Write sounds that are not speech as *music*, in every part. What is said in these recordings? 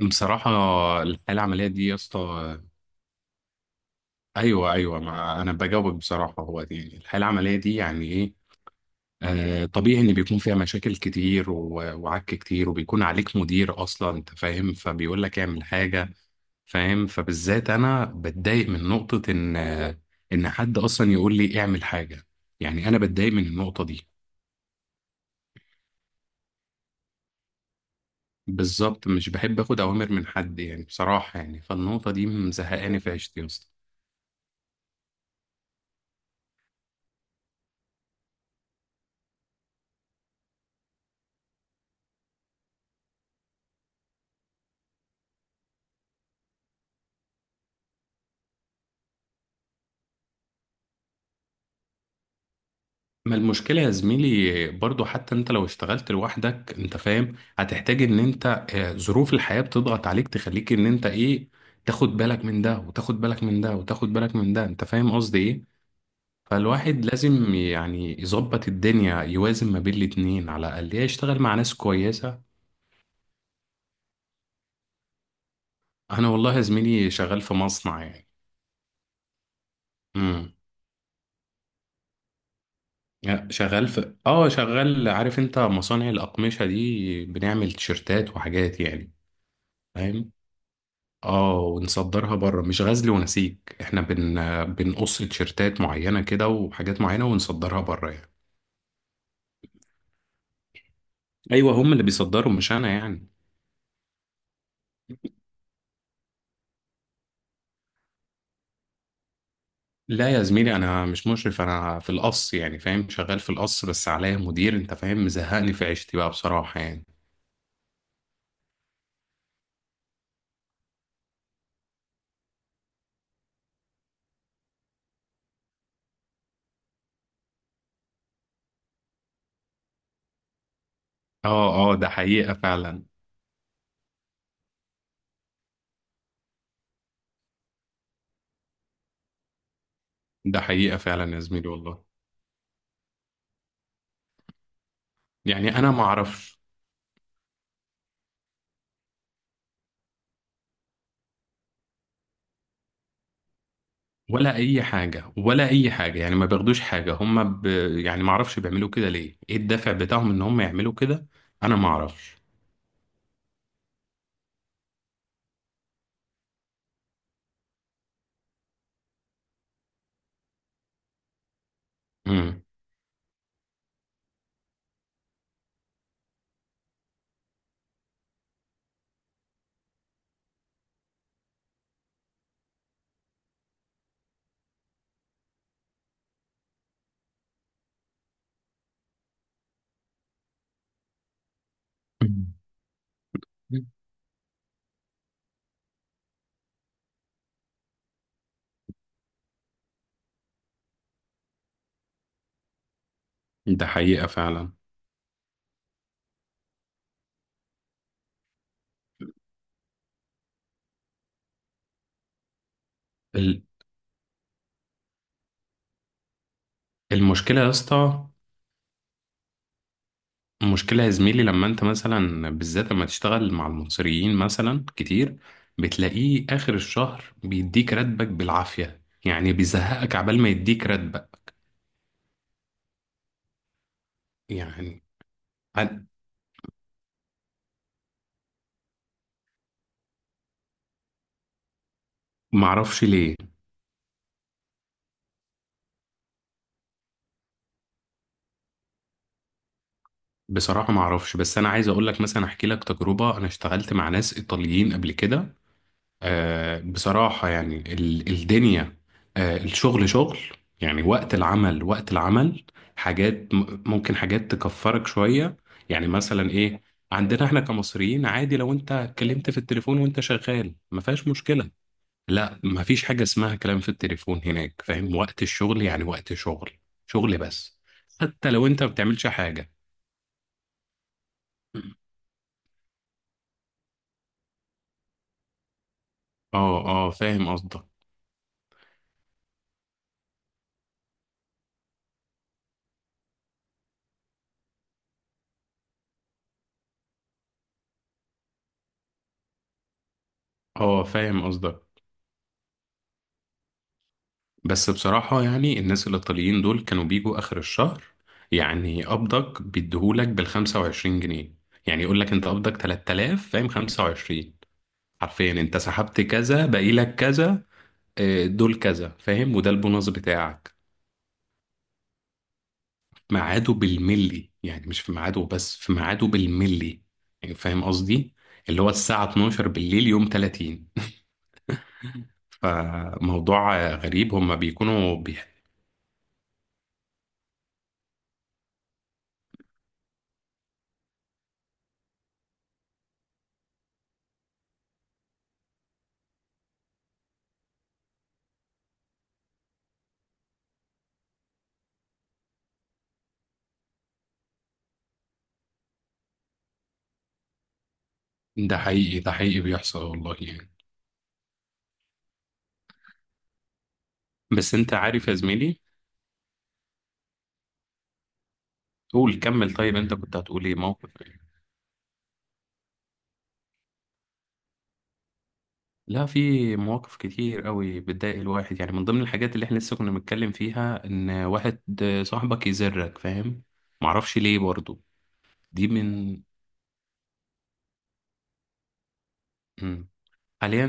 بصراحة، الحياة العملية دي يا اسطى. أيوه، أيوه، ما أنا بجاوبك بصراحة. هو دي الحياة العملية دي يعني إيه؟ طبيعي إن بيكون فيها مشاكل كتير وعك كتير وبيكون عليك مدير أصلا، أنت فاهم، فبيقول لك اعمل حاجة. فاهم؟ فبالذات أنا بتضايق من نقطة إن، إن حد أصلا يقول لي اعمل حاجة. يعني أنا بتضايق من النقطة دي بالظبط. مش بحب آخد أوامر من حد يعني، بصراحة يعني، فالنقطة دي مزهقاني في عيشتي يا اسطى. ما المشكلة يا زميلي برضو، حتى انت لو اشتغلت لوحدك انت فاهم، هتحتاج ان انت، ظروف الحياة بتضغط عليك تخليك ان انت ايه، تاخد بالك من ده وتاخد بالك من ده وتاخد بالك من ده، انت فاهم قصدي ايه. فالواحد لازم يعني يظبط الدنيا، يوازن ما بين الاتنين على الاقل، يا يشتغل مع ناس كويسة. انا والله يا زميلي شغال في مصنع يعني. امم. شغال في اه، شغال، عارف انت مصانع الأقمشة دي، بنعمل تيشرتات وحاجات يعني. فاهم؟ اه، ونصدرها بره. مش غزل ونسيج، احنا بنقص تيشيرتات معينة كده وحاجات معينة ونصدرها بره يعني. ايوه، هم اللي بيصدروا مش انا يعني. لا يا زميلي، انا مش مشرف، انا في القص يعني، فاهم، شغال في القص بس عليا مدير، انت فاهم، مزهقني في عيشتي بقى بصراحة يعني. اه، اه، ده حقيقة فعلا. ده حقيقة فعلا يا زميلي والله، يعني انا ما اعرفش. ولا اي حاجة، ولا اي حاجة يعني، ما بياخدوش حاجة هم يعني ما اعرفش بيعملوا كده ليه، ايه الدافع بتاعهم ان هم يعملوا كده. انا ما اعرفش. مم. ده حقيقة فعلا. ال- المشكلة يا اسطى، المشكلة يا زميلي لما انت مثلا بالذات لما تشتغل مع المصريين مثلا كتير، بتلاقيه آخر الشهر بيديك راتبك بالعافية يعني، بيزهقك عبال ما يديك راتبك يعني. أنا معرفش ليه. بصراحة معرفش، بس أنا عايز أقول لك مثلا، أحكي لك تجربة: أنا اشتغلت مع ناس إيطاليين قبل كده. بصراحة يعني الدنيا، الشغل شغل يعني. وقت العمل وقت العمل. حاجات ممكن حاجات تكفرك شوية يعني. مثلا ايه؟ عندنا احنا كمصريين، عادي لو انت اتكلمت في التليفون وانت شغال، ما فيهاش مشكلة. لا، ما فيش حاجة اسمها كلام في التليفون هناك، فاهم، وقت الشغل يعني وقت شغل، شغل بس. حتى لو انت ما بتعملش حاجة. اه، اه، فاهم قصدك. اه، فاهم قصدك. بس بصراحة يعني الناس الإيطاليين دول كانوا بيجوا آخر الشهر، يعني قبضك بيديهولك بال25 جنيه، يعني يقولك أنت قبضك 3000 فاهم، 25، حرفيا، أنت سحبت كذا، باقيلك كذا، دول كذا فاهم، وده البونص بتاعك. في ميعاده بالملي، يعني مش في ميعاده بس، في ميعاده بالملي يعني، فاهم قصدي. اللي هو الساعة 12 بالليل يوم 30. *laughs* فموضوع غريب، هما بيكونوا بيح... ده حقيقي، ده حقيقي بيحصل والله يعني. بس انت عارف يا زميلي، قول كمل، طيب انت كنت هتقول ايه، موقف ايه؟ لا، في مواقف كتير قوي بتضايق الواحد يعني. من ضمن الحاجات اللي احنا لسه كنا بنتكلم فيها، ان واحد صاحبك يزرك، فاهم، معرفش ليه برضو. دي من، مم. حاليا،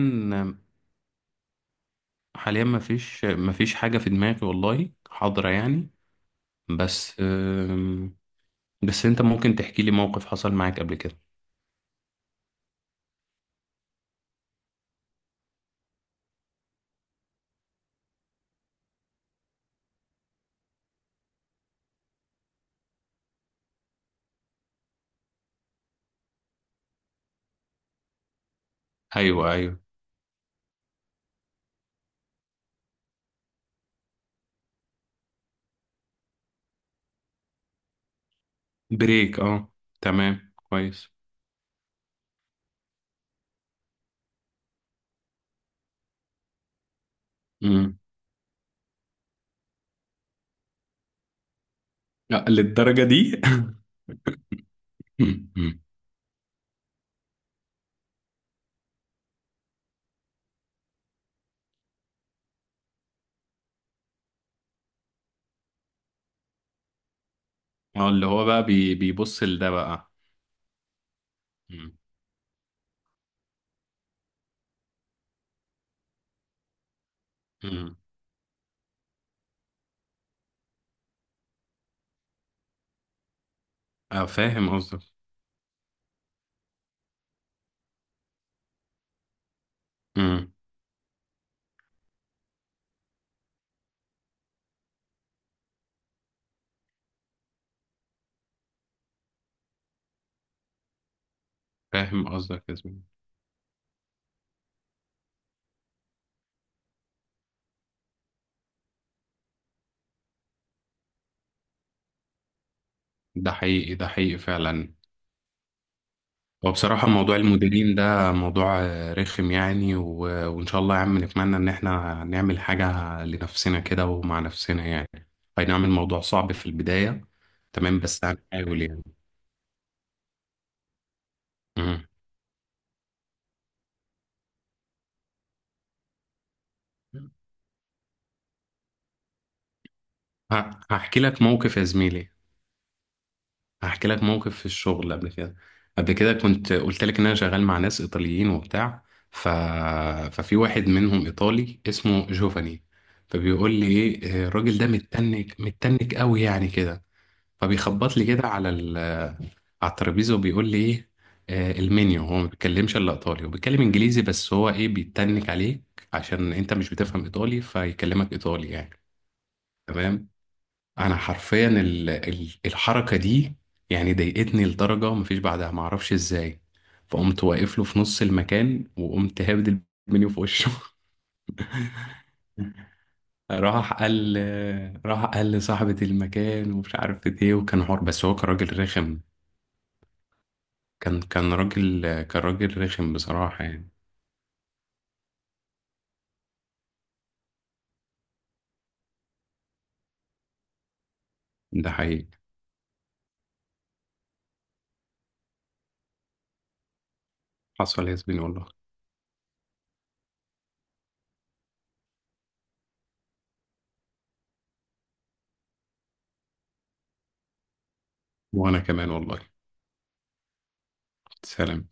حاليا مفيش، مفيش حاجة في دماغي والله حاضرة يعني. بس أم، بس انت ممكن تحكي لي موقف حصل معاك قبل كده. ايوه، ايوه. بريك، اه. تمام، كويس. امم. للدرجة دي؟ *laughs* مم. مم. اه، اللي هو بقى بي بيبص لده بقى. مم. مم. اه، فاهم قصدك. مم. فاهم قصدك يا زميلي. ده حقيقي، ده حقيقي فعلا. هو بصراحة موضوع المديرين ده موضوع رخم يعني وإن شاء الله يا عم، نتمنى إن إحنا نعمل حاجة لنفسنا كده ومع نفسنا يعني. أي نعم، الموضوع صعب في البداية. تمام، بس هنحاول يعني. مم. هحكي لك موقف يا زميلي. هحكي لك موقف في الشغل قبل كده. قبل كده كنت قلت لك ان انا شغال مع ناس ايطاليين وبتاع. ف... ففي واحد منهم ايطالي اسمه جوفاني، فبيقول لي ايه، الراجل ده متنك متنك قوي يعني كده. فبيخبط لي كده على على الترابيزه وبيقول لي ايه، المنيو. هو ما بيتكلمش الا ايطالي، وبيتكلم انجليزي بس. هو ايه بيتنك عليك عشان انت مش بتفهم ايطالي فيكلمك ايطالي يعني. تمام. انا حرفيا الحركه دي يعني ضايقتني لدرجه مفيش بعدها، معرفش ازاي. فقمت واقف له في نص المكان وقمت هابد المنيو في وشه. *laughs* راح قال، راح قال لصاحبة المكان ومش عارف ايه، وكان حوار، بس هو كان راجل رخم. كان، كان راجل، كان راجل رخم بصراحة يعني. ده حقيقي، حصل يا زميلي والله. وانا كمان والله. سلام.